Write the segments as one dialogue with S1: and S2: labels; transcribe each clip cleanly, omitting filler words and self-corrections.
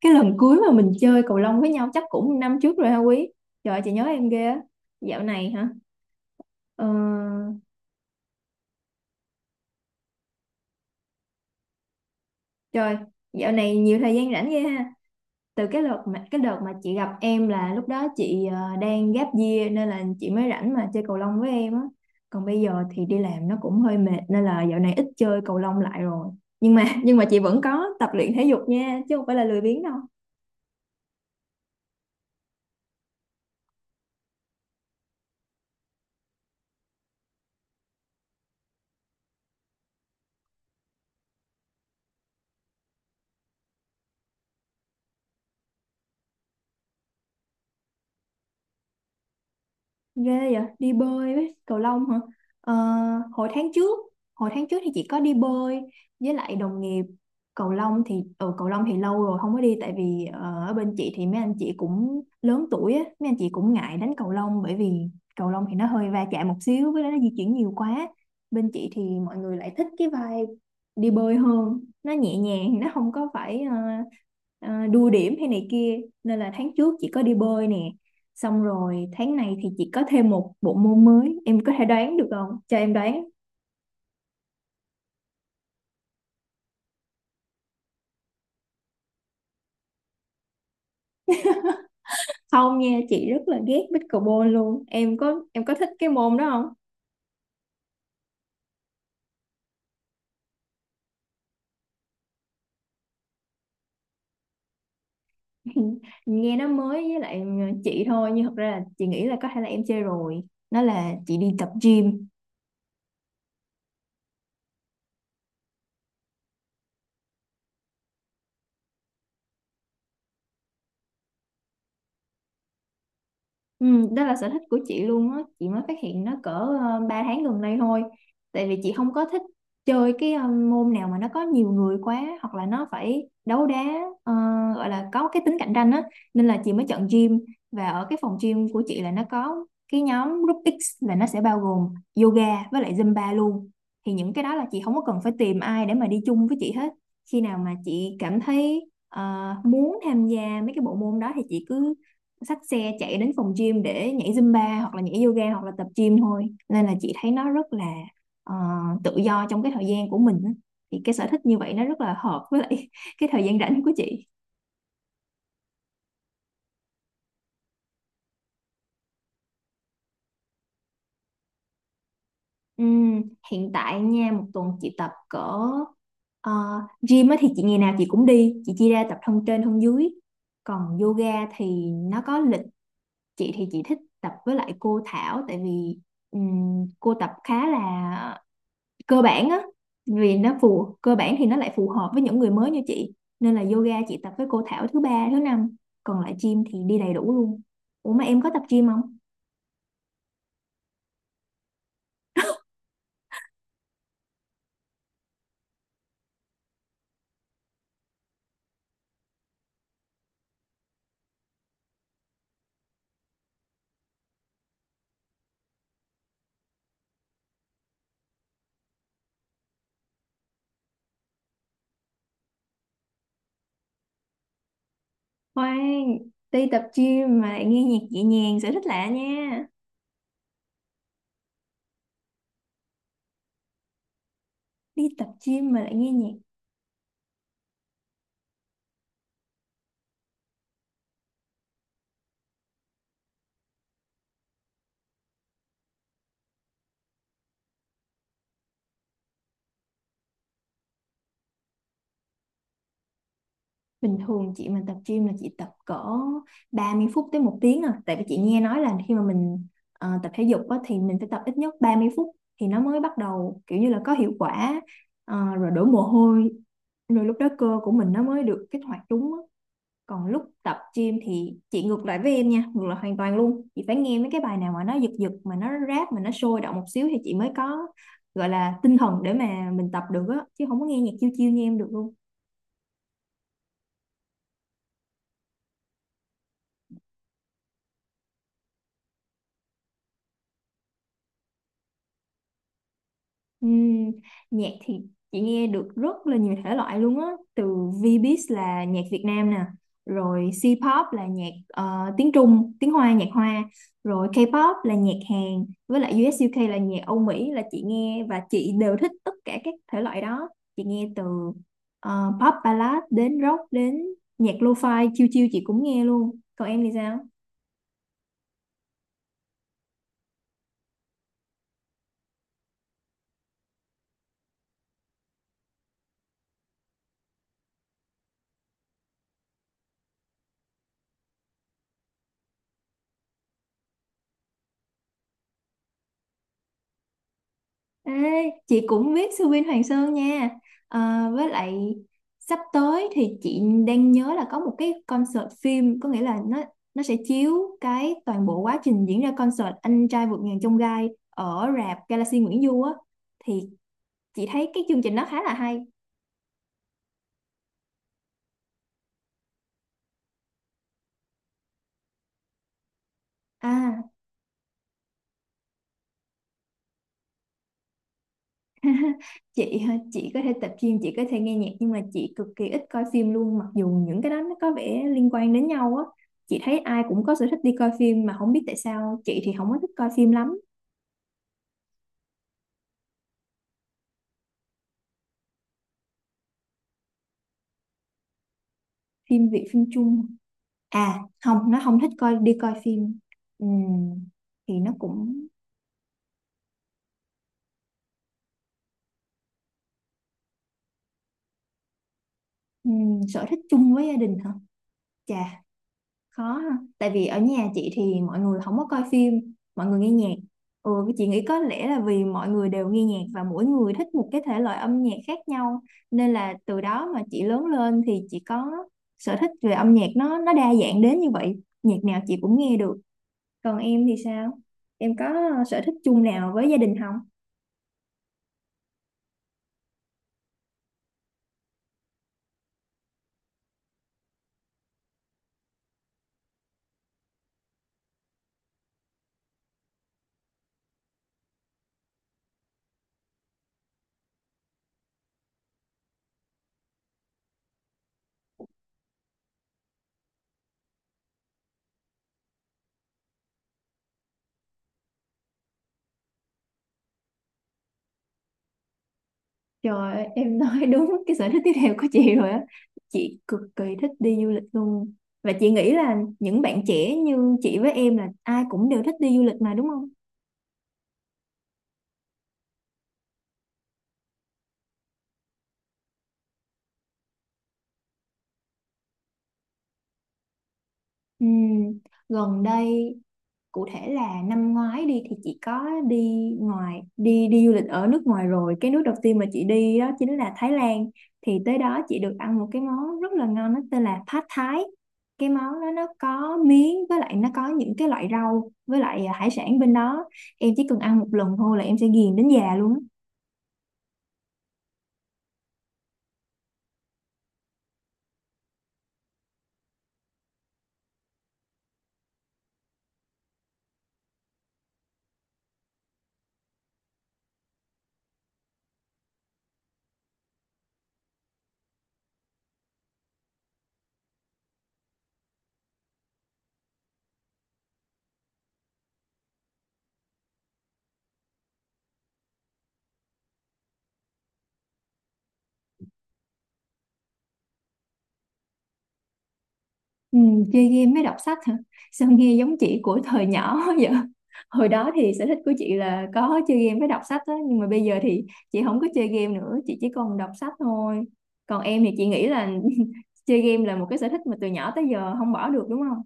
S1: Cái lần cuối mà mình chơi cầu lông với nhau chắc cũng năm trước rồi ha, Quý? Trời ơi, chị nhớ em ghê á. Dạo này hả? ờ, Trời. Dạo này nhiều thời gian rảnh ghê ha. Từ cái đợt mà chị gặp em là lúc đó chị đang gap year, nên là chị mới rảnh mà chơi cầu lông với em á. Còn bây giờ thì đi làm nó cũng hơi mệt nên là dạo này ít chơi cầu lông lại rồi. Nhưng mà chị vẫn có tập luyện thể dục nha, chứ không phải là lười biếng đâu. Ghê vậy, đi bơi với cầu lông hả? Ờ, hồi tháng trước, hồi tháng trước thì chị có đi bơi với lại đồng nghiệp. Cầu lông thì lâu rồi không có đi, tại vì ở bên chị thì mấy anh chị cũng lớn tuổi á, mấy anh chị cũng ngại đánh cầu lông, bởi vì cầu lông thì nó hơi va chạm một xíu, với lại nó di chuyển nhiều quá. Bên chị thì mọi người lại thích cái vibe đi bơi hơn, nó nhẹ nhàng, nó không có phải đua điểm hay này kia, nên là tháng trước chị có đi bơi nè. Xong rồi tháng này thì chị có thêm một bộ môn mới. Em có thể đoán được không? Cho em đoán. Không nha, chị rất là ghét pickleball luôn. Em có thích cái môn đó không? Nghe nó mới với lại chị thôi. Nhưng thật ra là chị nghĩ là có thể là em chơi rồi. Nó là chị đi tập gym. Ừ, đó là sở thích của chị luôn á, chị mới phát hiện nó cỡ 3 tháng gần đây thôi. Tại vì chị không có thích chơi cái môn nào mà nó có nhiều người quá, hoặc là nó phải đấu đá, ờ, gọi là có cái tính cạnh tranh á, nên là chị mới chọn gym. Và ở cái phòng gym của chị là nó có cái nhóm group X, là nó sẽ bao gồm yoga với lại Zumba luôn. Thì những cái đó là chị không có cần phải tìm ai để mà đi chung với chị hết. Khi nào mà chị cảm thấy muốn tham gia mấy cái bộ môn đó thì chị cứ xách xe chạy đến phòng gym để nhảy Zumba, hoặc là nhảy yoga, hoặc là tập gym thôi, nên là chị thấy nó rất là ờ, tự do trong cái thời gian của mình á. Thì cái sở thích như vậy nó rất là hợp với lại cái thời gian rảnh của chị. Ừm, Hiện tại nha, một tuần chị tập cỡ ờ, gym á thì chị ngày nào chị cũng đi, chị chia ra tập thân trên thân dưới. Còn yoga thì nó có lịch. Chị thì chị thích tập với lại cô Thảo, tại vì cô tập khá là cơ bản á. Vì nó cơ bản thì nó lại phù hợp với những người mới như chị, nên là yoga chị tập với cô Thảo thứ ba thứ năm, còn lại gym thì đi đầy đủ luôn. Ủa mà em có tập gym không? Khoan, đi tập gym mà lại nghe nhạc nhẹ nhàng, sở thích lạ nha. Đi tập gym mà lại nghe nhạc. Bình thường chị mà tập gym là chị tập cỡ 30 phút tới một tiếng, à tại vì chị nghe nói là khi mà mình tập thể dục á, thì mình phải tập ít nhất 30 phút thì nó mới bắt đầu kiểu như là có hiệu quả. Ờ, rồi đổ mồ hôi, rồi lúc đó cơ của mình nó mới được kích hoạt đúng á. Còn lúc tập gym thì chị ngược lại với em nha, ngược lại hoàn toàn luôn. Chị phải nghe mấy cái bài nào mà nó giật giật, mà nó rap, mà nó sôi động một xíu thì chị mới có gọi là tinh thần để mà mình tập được á, chứ không có nghe nhạc chiêu chiêu như em được luôn. Ừm, Nhạc thì chị nghe được rất là nhiều thể loại luôn á. Từ Vbiz là nhạc Việt Nam nè, rồi C-pop là nhạc tiếng Trung, tiếng Hoa, nhạc Hoa, rồi K-pop là nhạc Hàn, với lại US UK là nhạc Âu Mỹ, là chị nghe và chị đều thích tất cả các thể loại đó. Chị nghe từ pop ballad đến rock đến nhạc lo-fi chill chill chị cũng nghe luôn. Còn em thì sao? Ê, chị cũng biết Sư Vin Hoàng Sơn nha. Ờ, với lại sắp tới thì chị đang nhớ là có một cái concert phim, có nghĩa là nó sẽ chiếu cái toàn bộ quá trình diễn ra concert Anh trai vượt ngàn chông gai ở rạp Galaxy Nguyễn Du á, thì chị thấy cái chương trình nó khá là hay. À, chị hả? Chị có thể tập gym, chị có thể nghe nhạc, nhưng mà chị cực kỳ ít coi phim luôn, mặc dù những cái đó nó có vẻ liên quan đến nhau á. Chị thấy ai cũng có sở thích đi coi phim mà không biết tại sao chị thì không có thích coi phim lắm. Phim Việt, phim Trung, à không, nó không thích coi, đi coi phim. Ừm, thì nó cũng sở thích chung với gia đình hả? Chà, khó ha, tại vì ở nhà chị thì mọi người không có coi phim, mọi người nghe nhạc. Ừ, cái chị nghĩ có lẽ là vì mọi người đều nghe nhạc và mỗi người thích một cái thể loại âm nhạc khác nhau, nên là từ đó mà chị lớn lên thì chị có sở thích về âm nhạc, nó đa dạng đến như vậy. Nhạc nào chị cũng nghe được. Còn em thì sao? Em có sở thích chung nào với gia đình không? Trời ơi, em nói đúng cái sở thích tiếp theo của chị rồi á. Chị cực kỳ thích đi du lịch luôn. Và chị nghĩ là những bạn trẻ như chị với em là ai cũng đều thích đi du lịch mà, đúng không? Ừm, Gần đây, cụ thể là năm ngoái đi thì chị có đi ngoài đi đi du lịch ở nước ngoài, rồi cái nước đầu tiên mà chị đi đó chính là Thái Lan. Thì tới đó chị được ăn một cái món rất là ngon, nó tên là Pad Thai. Cái món đó nó có miến, với lại nó có những cái loại rau, với lại à, hải sản bên đó. Em chỉ cần ăn một lần thôi là em sẽ ghiền đến già luôn á. Ừ, chơi game mới đọc sách hả? Sao nghe giống chị của thời nhỏ vậy? Hồi đó thì sở thích của chị là có chơi game với đọc sách á, nhưng mà bây giờ thì chị không có chơi game nữa, chị chỉ còn đọc sách thôi. Còn em thì chị nghĩ là chơi game là một cái sở thích mà từ nhỏ tới giờ không bỏ được đúng không?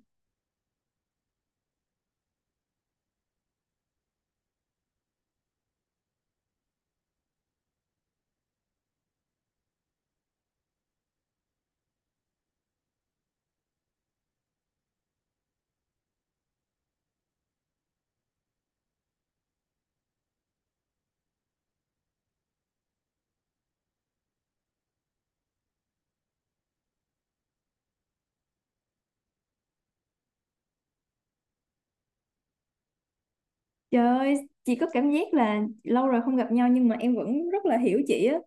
S1: Trời ơi, chị có cảm giác là lâu rồi không gặp nhau nhưng mà em vẫn rất là hiểu chị á.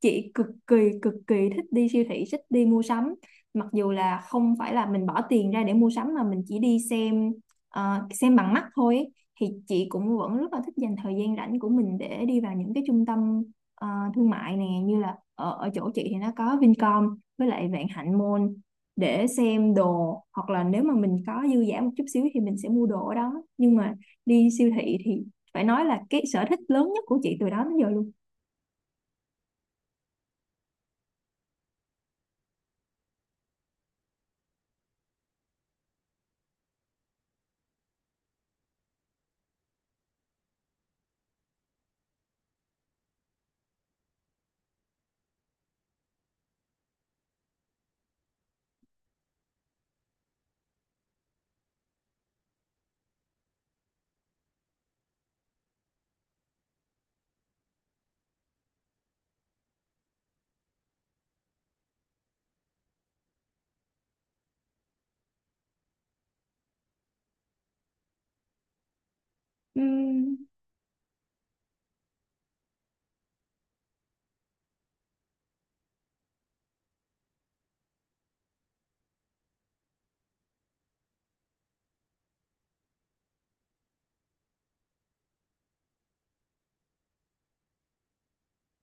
S1: Chị cực kỳ thích đi siêu thị, thích đi mua sắm, mặc dù là không phải là mình bỏ tiền ra để mua sắm mà mình chỉ đi xem, xem bằng mắt thôi ấy. Thì chị cũng vẫn rất là thích dành thời gian rảnh của mình để đi vào những cái trung tâm ờ, thương mại nè, như là ở chỗ chị thì nó có Vincom với lại Vạn Hạnh Mall, để xem đồ, hoặc là nếu mà mình có dư giả một chút xíu thì mình sẽ mua đồ ở đó. Nhưng mà đi siêu thị thì phải nói là cái sở thích lớn nhất của chị từ đó đến giờ luôn. Ừm,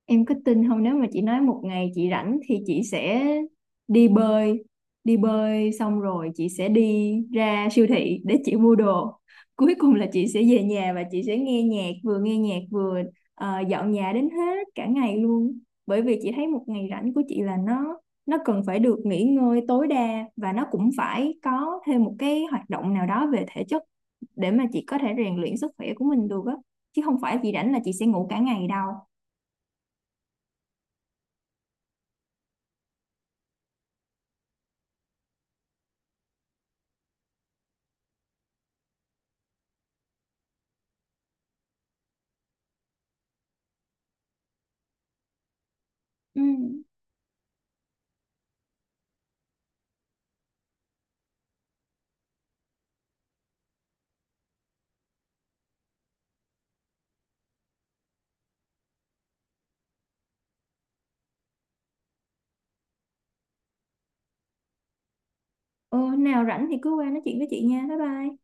S1: Em cứ tin không, nếu mà chị nói một ngày chị rảnh thì chị sẽ đi bơi, đi bơi xong rồi chị sẽ đi ra siêu thị để chị mua đồ. Cuối cùng là chị sẽ về nhà và chị sẽ nghe nhạc vừa dọn nhà đến hết cả ngày luôn. Bởi vì chị thấy một ngày rảnh của chị là nó cần phải được nghỉ ngơi tối đa, và nó cũng phải có thêm một cái hoạt động nào đó về thể chất để mà chị có thể rèn luyện sức khỏe của mình được á. Chứ không phải chị rảnh là chị sẽ ngủ cả ngày đâu. Ừ. Ừ, nào rảnh thì cứ qua nói chuyện với chị nha, bye bye.